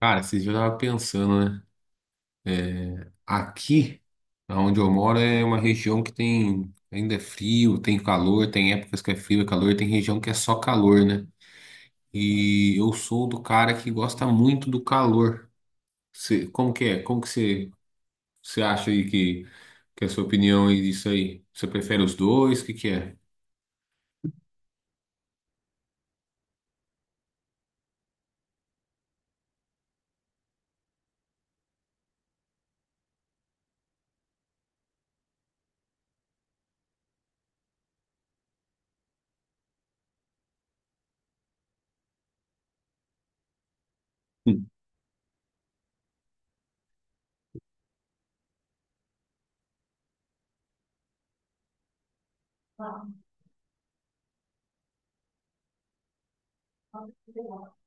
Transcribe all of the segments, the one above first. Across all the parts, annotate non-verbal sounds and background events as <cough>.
Cara, esses dias eu tava pensando, né? Aqui, onde eu moro, é uma região que tem ainda é frio, tem calor, tem épocas que é frio, é calor, tem região que é só calor, né? E eu sou do cara que gosta muito do calor. Como que é? Como que você acha aí que é a sua opinião aí disso aí? Você prefere os dois? O que que é? Hum.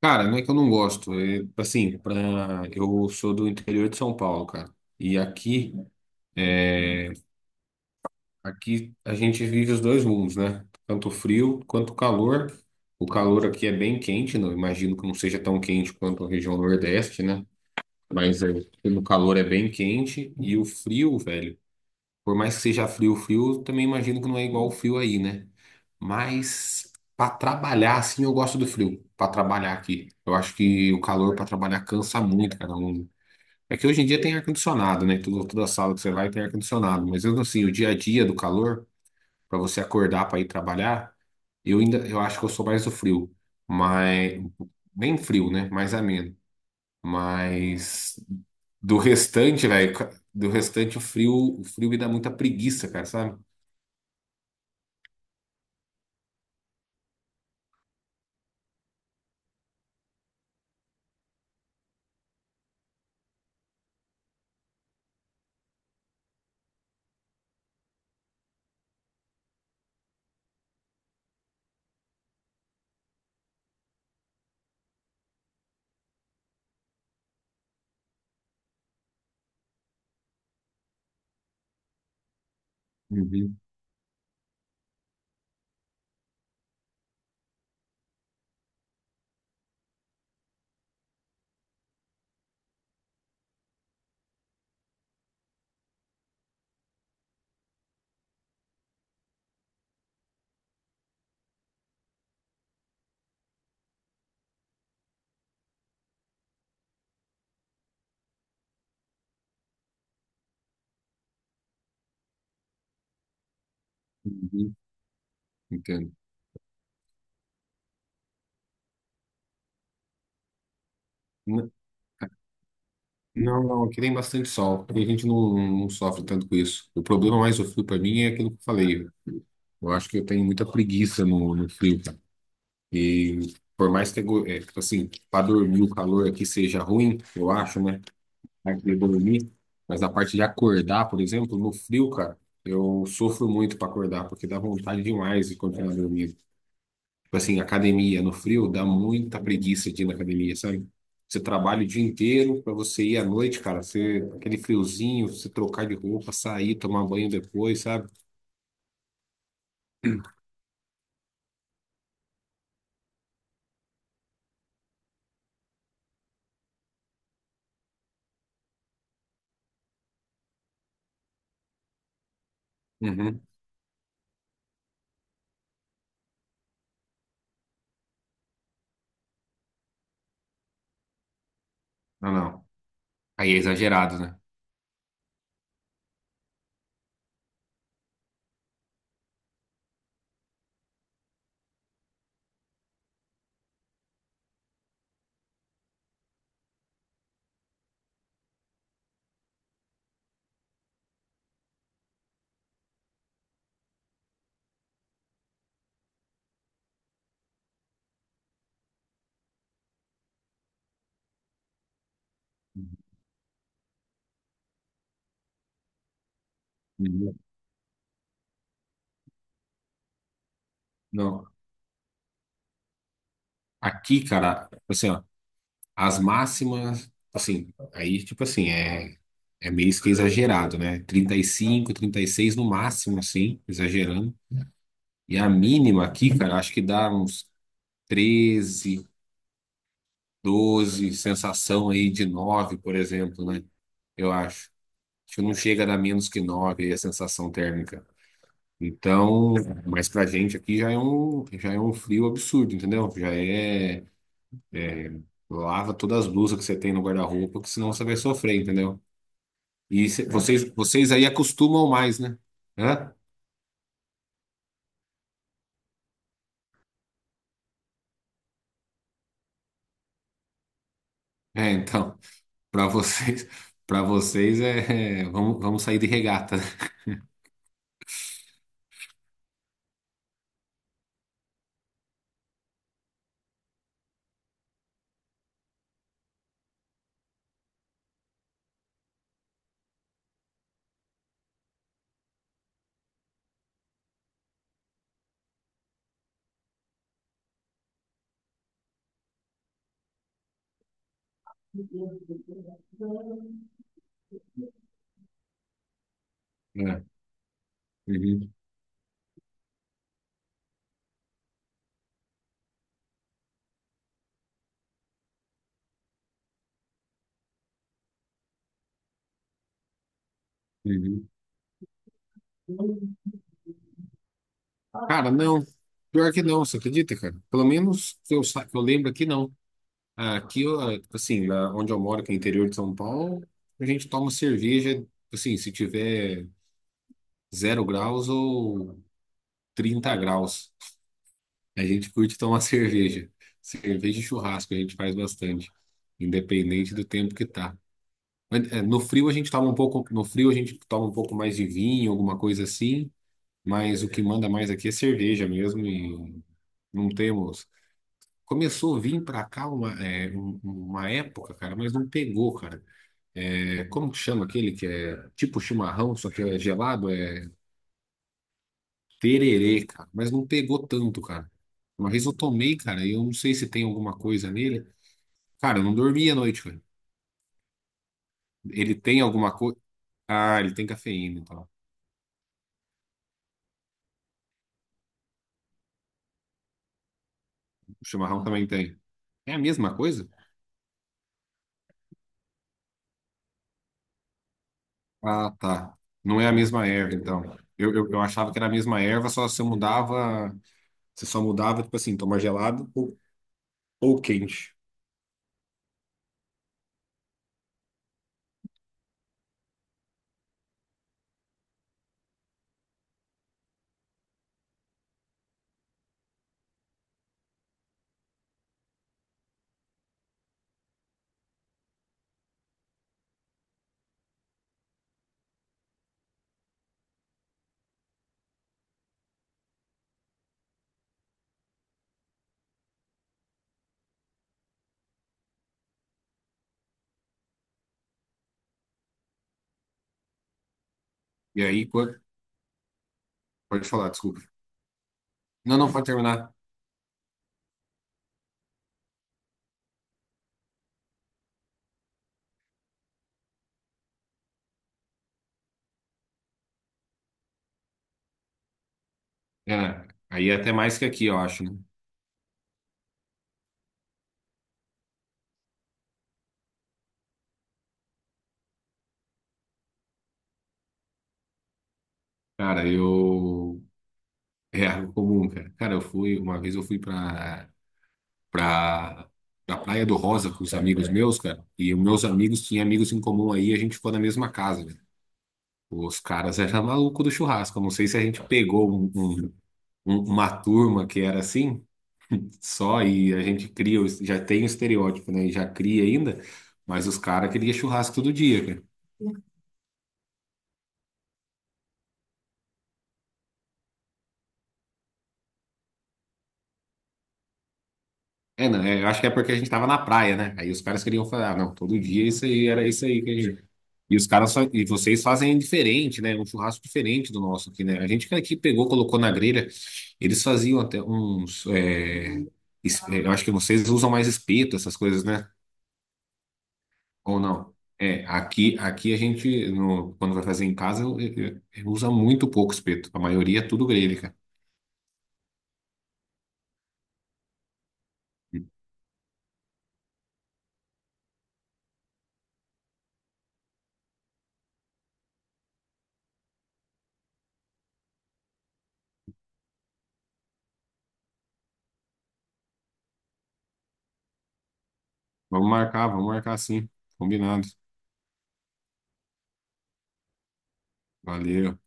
Cara, não é que eu não gosto. É, assim, pra, eu sou do interior de São Paulo, cara. E aqui. é, Aqui a gente vive os dois mundos, né? Tanto o frio quanto o calor. O calor aqui é bem quente, não imagino que não seja tão quente quanto a região Nordeste, né? Mas é, o calor é bem quente e o frio, velho, por mais que seja frio, frio, também imagino que não é igual o frio aí, né? Mas para trabalhar, assim, eu gosto do frio, para trabalhar aqui. Eu acho que o calor para trabalhar cansa muito, cara. É que hoje em dia tem ar-condicionado, né? Toda sala que você vai tem ar-condicionado, mas mesmo assim, o dia a dia do calor para você acordar para ir trabalhar, eu ainda eu acho que eu sou mais do frio, mas nem frio, né? Mais ameno. Mas do restante, velho, do restante o frio me dá muita preguiça, cara, sabe? Uhum, uhum. Entendo. N- Não, não, aqui tem bastante sol. E a gente não sofre tanto com isso. O problema mais do frio para mim é aquilo que eu falei. Eu acho que eu tenho muita preguiça no frio, cara. E por mais que, tipo assim, para dormir o calor aqui seja ruim, eu acho, né? Parte de dormir, mas a parte de acordar, por exemplo, no frio, cara, eu sofro muito para acordar, porque dá vontade demais de continuar dormindo. Tipo assim, academia no frio dá muita preguiça de ir na academia, sabe? Você trabalha o dia inteiro para você ir à noite, cara, você, aquele friozinho, você trocar de roupa, sair, tomar banho depois, sabe? Uhum. Não, não. Aí é exagerado, né? Uhum. Não. Aqui, cara, assim, ó, as máximas, assim, aí, tipo assim, é meio que exagerado, né? 30, 35, 36 no máximo, assim, exagerando. E a mínima aqui, cara, acho que dá uns 13, 12, sensação aí de 9, por exemplo, né? Eu acho. Acho que não chega a dar menos que 9 aí a sensação térmica. Então, mas pra gente aqui já é um frio absurdo, entendeu? Já é. Lava todas as blusas que você tem no guarda-roupa, que senão você vai sofrer, entendeu? Vocês aí acostumam mais, né? Hã? É, então, <laughs> para vocês, vamos sair de regata, <laughs> né? É, uhum, uhum. Cara, não. Pior que não, você acredita, cara? Pelo menos que eu lembro aqui, não. Aqui, eu, assim, onde eu moro, que é interior de São Paulo, a gente toma cerveja, assim, se tiver 0 graus ou 30 graus. A gente curte tomar <laughs> cerveja. Cerveja e churrasco a gente faz bastante, independente do tempo que tá. Mas, no frio a gente toma um pouco, no frio a gente toma um pouco mais de vinho, alguma coisa assim, mas o que manda mais aqui é cerveja mesmo e não temos. Começou a vir pra cá uma época, cara, mas não pegou, cara. É, como que chama aquele que é tipo chimarrão, só que é gelado? É tererê, cara, mas não pegou tanto, cara. Uma vez eu tomei, cara, e eu não sei se tem alguma coisa nele. Cara, eu não dormi à noite, velho. Ele tem alguma coisa. Ah, ele tem cafeína, então. O chimarrão também tem. É a mesma coisa? Ah, tá. Não é a mesma erva, então. Eu achava que era a mesma erva, só você mudava. Você só mudava, tipo assim, tomar gelado ou quente. E aí, pô, pode falar, desculpa. Não, não, pode terminar. É, aí é até mais que aqui, eu acho, né? Cara, eu. É algo comum, cara. Cara, eu fui. Uma vez eu fui pra, pra Praia do Rosa com os amigos meus, cara. E os meus amigos tinham amigos em comum aí, a gente ficou na mesma casa, velho. Os caras eram maluco do churrasco. Eu não sei se a gente pegou uma turma que era assim, só e a gente cria, já tem o estereótipo, né? E já cria ainda, mas os caras queriam churrasco todo dia. É, não, é, eu acho que é porque a gente tava na praia, né? Aí os caras queriam falar, ah, não, todo dia isso aí era isso aí que a gente. E vocês fazem diferente, né? Um churrasco diferente do nosso aqui, né? A gente que aqui pegou, colocou na grelha, eles faziam até eu acho que vocês usam mais espeto, essas coisas, né? Ou não? É, aqui a gente, quando vai fazer em casa, eu usa muito pouco espeto. A maioria é tudo grelha, cara. Vamos marcar sim. Combinado. Valeu.